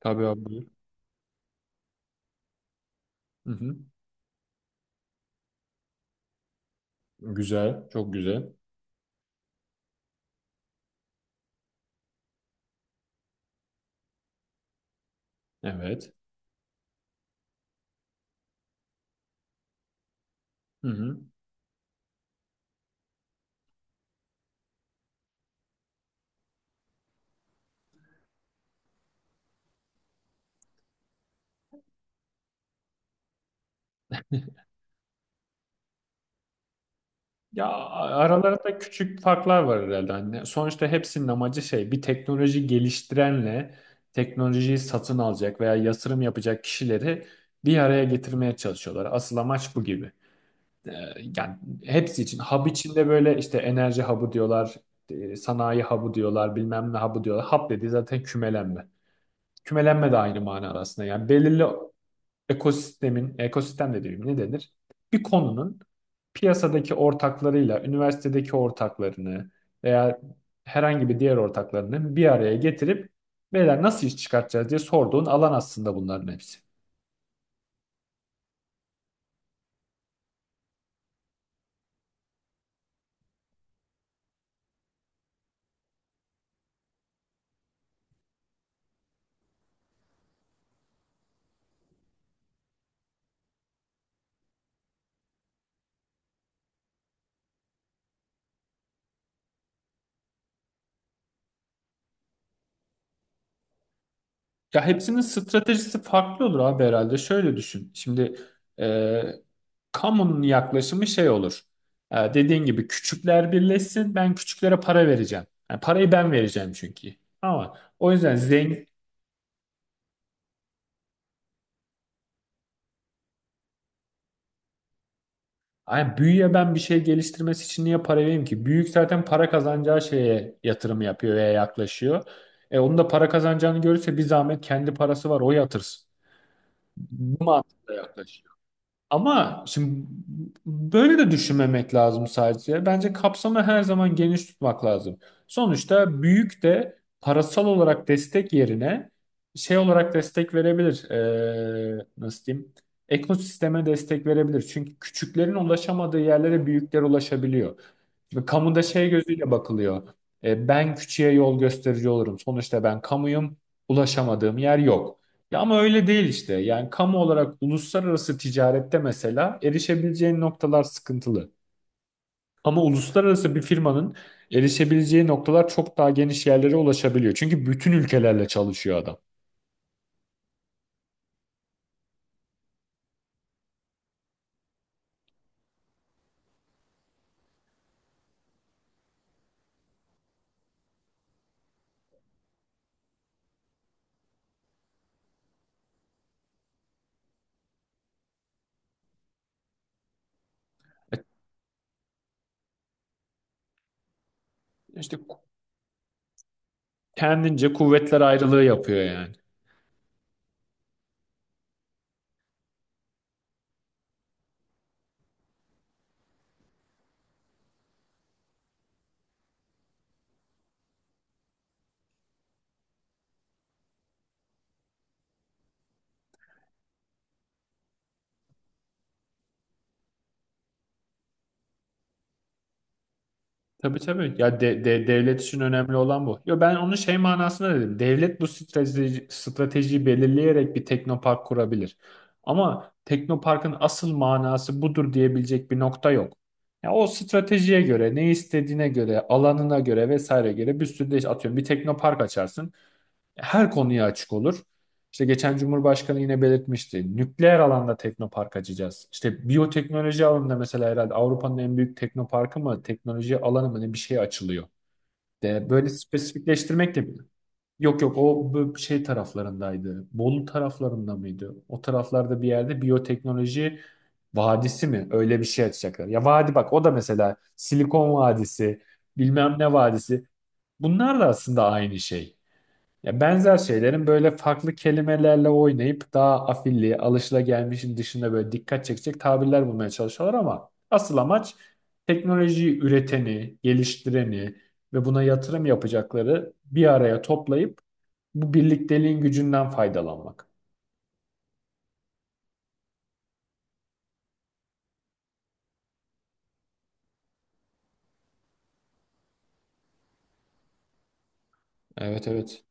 Tabii abi. Buyur. Hı hı. Güzel, çok güzel. Evet. Hı hı. Ya aralarında küçük farklar var herhalde. Hani sonuçta hepsinin amacı şey, bir teknoloji geliştirenle teknolojiyi satın alacak veya yatırım yapacak kişileri bir araya getirmeye çalışıyorlar. Asıl amaç bu gibi. Ee, yani hepsi için. Hub içinde böyle işte enerji hub'ı diyorlar, sanayi hub'ı diyorlar, bilmem ne hub'ı diyorlar. Hub dediği zaten kümelenme. Kümelenme de aynı manada aslında. Yani belirli ekosistemin, ekosistem de değil ne denir? Bir konunun piyasadaki ortaklarıyla, üniversitedeki ortaklarını veya herhangi bir diğer ortaklarını bir araya getirip beyler nasıl iş çıkartacağız diye sorduğun alan aslında bunların hepsi. Ya hepsinin stratejisi farklı olur abi herhalde. Şöyle düşün. Şimdi e, kamunun yaklaşımı şey olur. E, dediğin gibi küçükler birleşsin. Ben küçüklere para vereceğim. Yani parayı ben vereceğim çünkü. Ama o yüzden zengin. Ay büyüye ben bir şey geliştirmesi için niye para vereyim ki? Büyük zaten para kazanacağı şeye yatırım yapıyor veya yaklaşıyor. E onun da para kazanacağını görürse bir zahmet kendi parası var o yatırsın. Bu mantıkla yaklaş. Ama şimdi böyle de düşünmemek lazım sadece. Bence kapsamı her zaman geniş tutmak lazım. Sonuçta büyük de parasal olarak destek yerine şey olarak destek verebilir. Nasıl diyeyim? Ekosisteme destek verebilir. Çünkü küçüklerin ulaşamadığı yerlere büyükler ulaşabiliyor. Şimdi kamuda şey gözüyle bakılıyor. E, ben küçüğe yol gösterici olurum. Sonuçta ben kamuyum. Ulaşamadığım yer yok. Ya ama öyle değil işte. Yani kamu olarak uluslararası ticarette mesela erişebileceğin noktalar sıkıntılı. Ama uluslararası bir firmanın erişebileceği noktalar çok daha geniş yerlere ulaşabiliyor. Çünkü bütün ülkelerle çalışıyor adam. E, İşte ku- kendince kuvvetler ayrılığı yapıyor yani. Tabii tabii. Ya devlet için önemli olan bu. Yo ben onun şey manasında dedim. Devlet bu stratejiyi belirleyerek bir teknopark kurabilir. Ama teknoparkın asıl manası budur diyebilecek bir nokta yok. Ya o stratejiye göre, ne istediğine göre, alanına göre vesaire göre bir sürü de atıyorum bir teknopark açarsın, her konuya açık olur. İşte geçen Cumhurbaşkanı yine belirtmişti. Nükleer alanda teknopark açacağız. İşte biyoteknoloji alanında mesela herhalde Avrupa'nın en büyük teknoparkı mı, teknoloji alanı mı ne bir şey açılıyor. De böyle spesifikleştirmek de. Yok yok o bu şey taraflarındaydı. Bolu taraflarında mıydı? O taraflarda bir yerde biyoteknoloji vadisi mi? Öyle bir şey açacaklar. Ya vadi bak o da mesela Silikon Vadisi, bilmem ne vadisi. Bunlar da aslında aynı şey. Ya benzer şeylerin böyle farklı kelimelerle oynayıp daha afilli, alışılagelmişin dışında böyle dikkat çekecek tabirler bulmaya çalışıyorlar ama asıl amaç teknolojiyi üreteni, geliştireni ve buna yatırım yapacakları bir araya toplayıp bu birlikteliğin gücünden faydalanmak. Evet evet.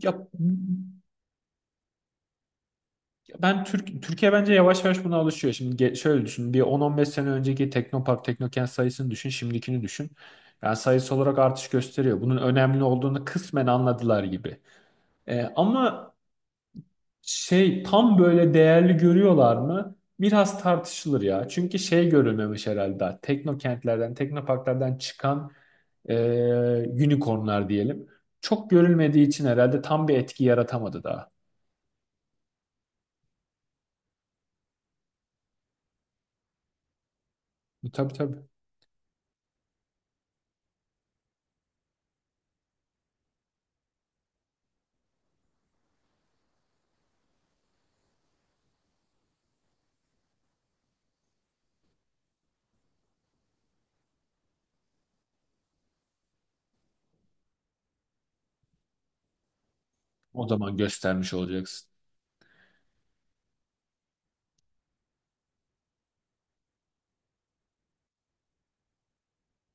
Ya ben Türkiye bence yavaş yavaş buna alışıyor. Şimdi şöyle düşün. Bir 10-15 sene önceki Teknopark, Teknokent sayısını düşün, şimdikini düşün. Yani sayısı olarak artış gösteriyor. Bunun önemli olduğunu kısmen anladılar gibi. Ama şey tam böyle değerli görüyorlar mı? Biraz tartışılır ya. Çünkü şey görülmemiş herhalde daha. Teknokentlerden, Teknoparklardan çıkan e, unicornlar diyelim. Çok görülmediği için herhalde tam bir etki yaratamadı daha. E, tabii tabii. O zaman göstermiş olacaksın.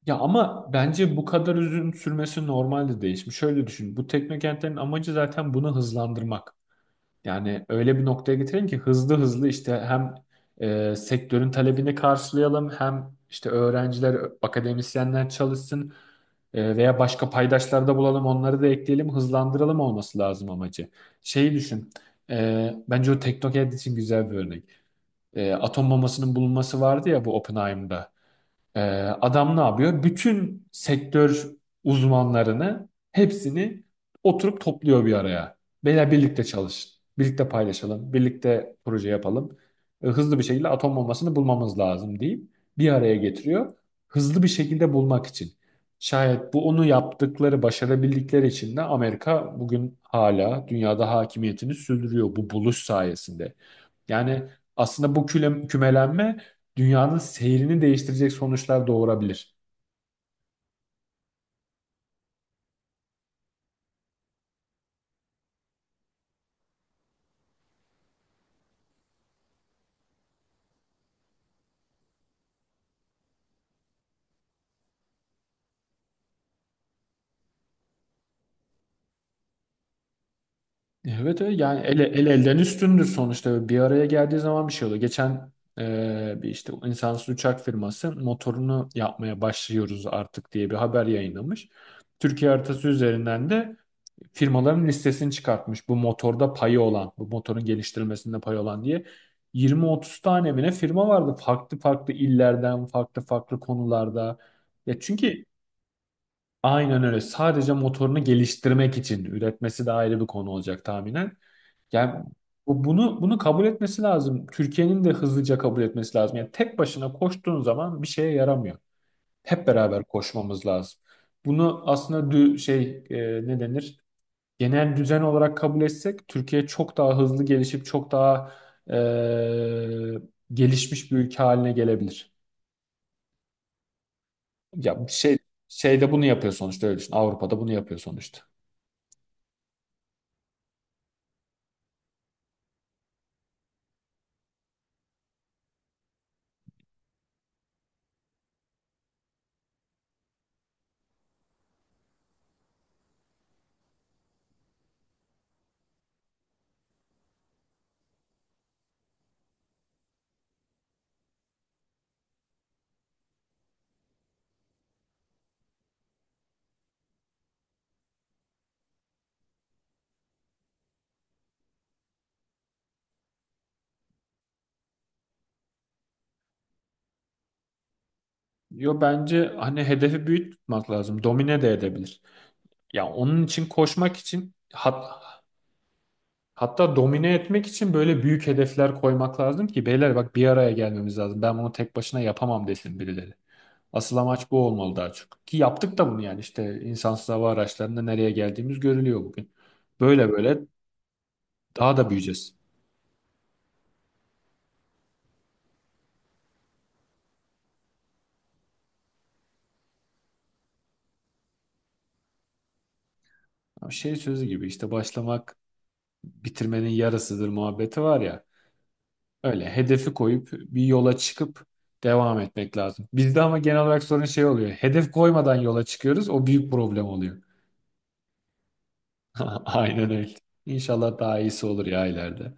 Ya ama bence bu kadar uzun sürmesi normalde değişmiş. Şöyle düşün. Bu teknokentlerin amacı zaten bunu hızlandırmak. Yani öyle bir noktaya getirelim ki hızlı hızlı işte hem sektörün talebini karşılayalım hem işte öğrenciler, akademisyenler çalışsın, veya başka paydaşlar da bulalım onları da ekleyelim hızlandıralım olması lazım amacı. Şeyi düşün. E, bence o teknokent için güzel bir örnek. E, atom bombasının bulunması vardı ya bu Oppenheimer'da. Ee, adam ne yapıyor? Bütün sektör uzmanlarını hepsini oturup topluyor bir araya. Beyler birlikte çalışın. Birlikte paylaşalım. Birlikte proje yapalım. Hızlı bir şekilde atom bombasını bulmamız lazım deyip bir araya getiriyor. Hızlı bir şekilde bulmak için. Şayet bu onu yaptıkları, başarabildikleri için de Amerika bugün hala dünyada hakimiyetini sürdürüyor bu buluş sayesinde. Yani aslında bu kümelenme dünyanın seyrini değiştirecek sonuçlar doğurabilir. Evet, evet. Yani el elden üstündür sonuçta. Bir araya geldiği zaman bir şey oluyor. Geçen bir işte insansız uçak firması motorunu yapmaya başlıyoruz artık diye bir haber yayınlamış. Türkiye haritası üzerinden de firmaların listesini çıkartmış. Bu motorda payı olan, bu motorun geliştirilmesinde payı olan diye. 20-30 tane mi ne firma vardı farklı farklı illerden, farklı farklı konularda. Ya çünkü aynen öyle. Sadece motorunu geliştirmek için üretmesi de ayrı bir konu olacak tahminen. Yani bunu kabul etmesi lazım. Türkiye'nin de hızlıca kabul etmesi lazım. Yani tek başına koştuğun zaman bir şeye yaramıyor. Hep beraber koşmamız lazım. Bunu aslında ne denir? Genel düzen olarak kabul etsek Türkiye çok daha hızlı gelişip çok daha e, gelişmiş bir ülke haline gelebilir. Ya şey şeyde bunu yapıyor sonuçta öyle düşün. Avrupa'da bunu yapıyor sonuçta. Yo bence hani hedefi büyük tutmak lazım. Domine de edebilir. Ya onun için koşmak için hatta domine etmek için böyle büyük hedefler koymak lazım ki beyler bak bir araya gelmemiz lazım. Ben bunu tek başına yapamam desin birileri. Asıl amaç bu olmalı daha çok. Ki yaptık da bunu yani işte insansız hava araçlarında nereye geldiğimiz görülüyor bugün. Böyle böyle daha da büyüyeceğiz. Şey sözü gibi işte başlamak bitirmenin yarısıdır muhabbeti var ya. Öyle hedefi koyup bir yola çıkıp devam etmek lazım. Bizde ama genel olarak sorun şey oluyor. Hedef koymadan yola çıkıyoruz. O büyük problem oluyor. Aynen öyle. İnşallah daha iyisi olur ya ileride.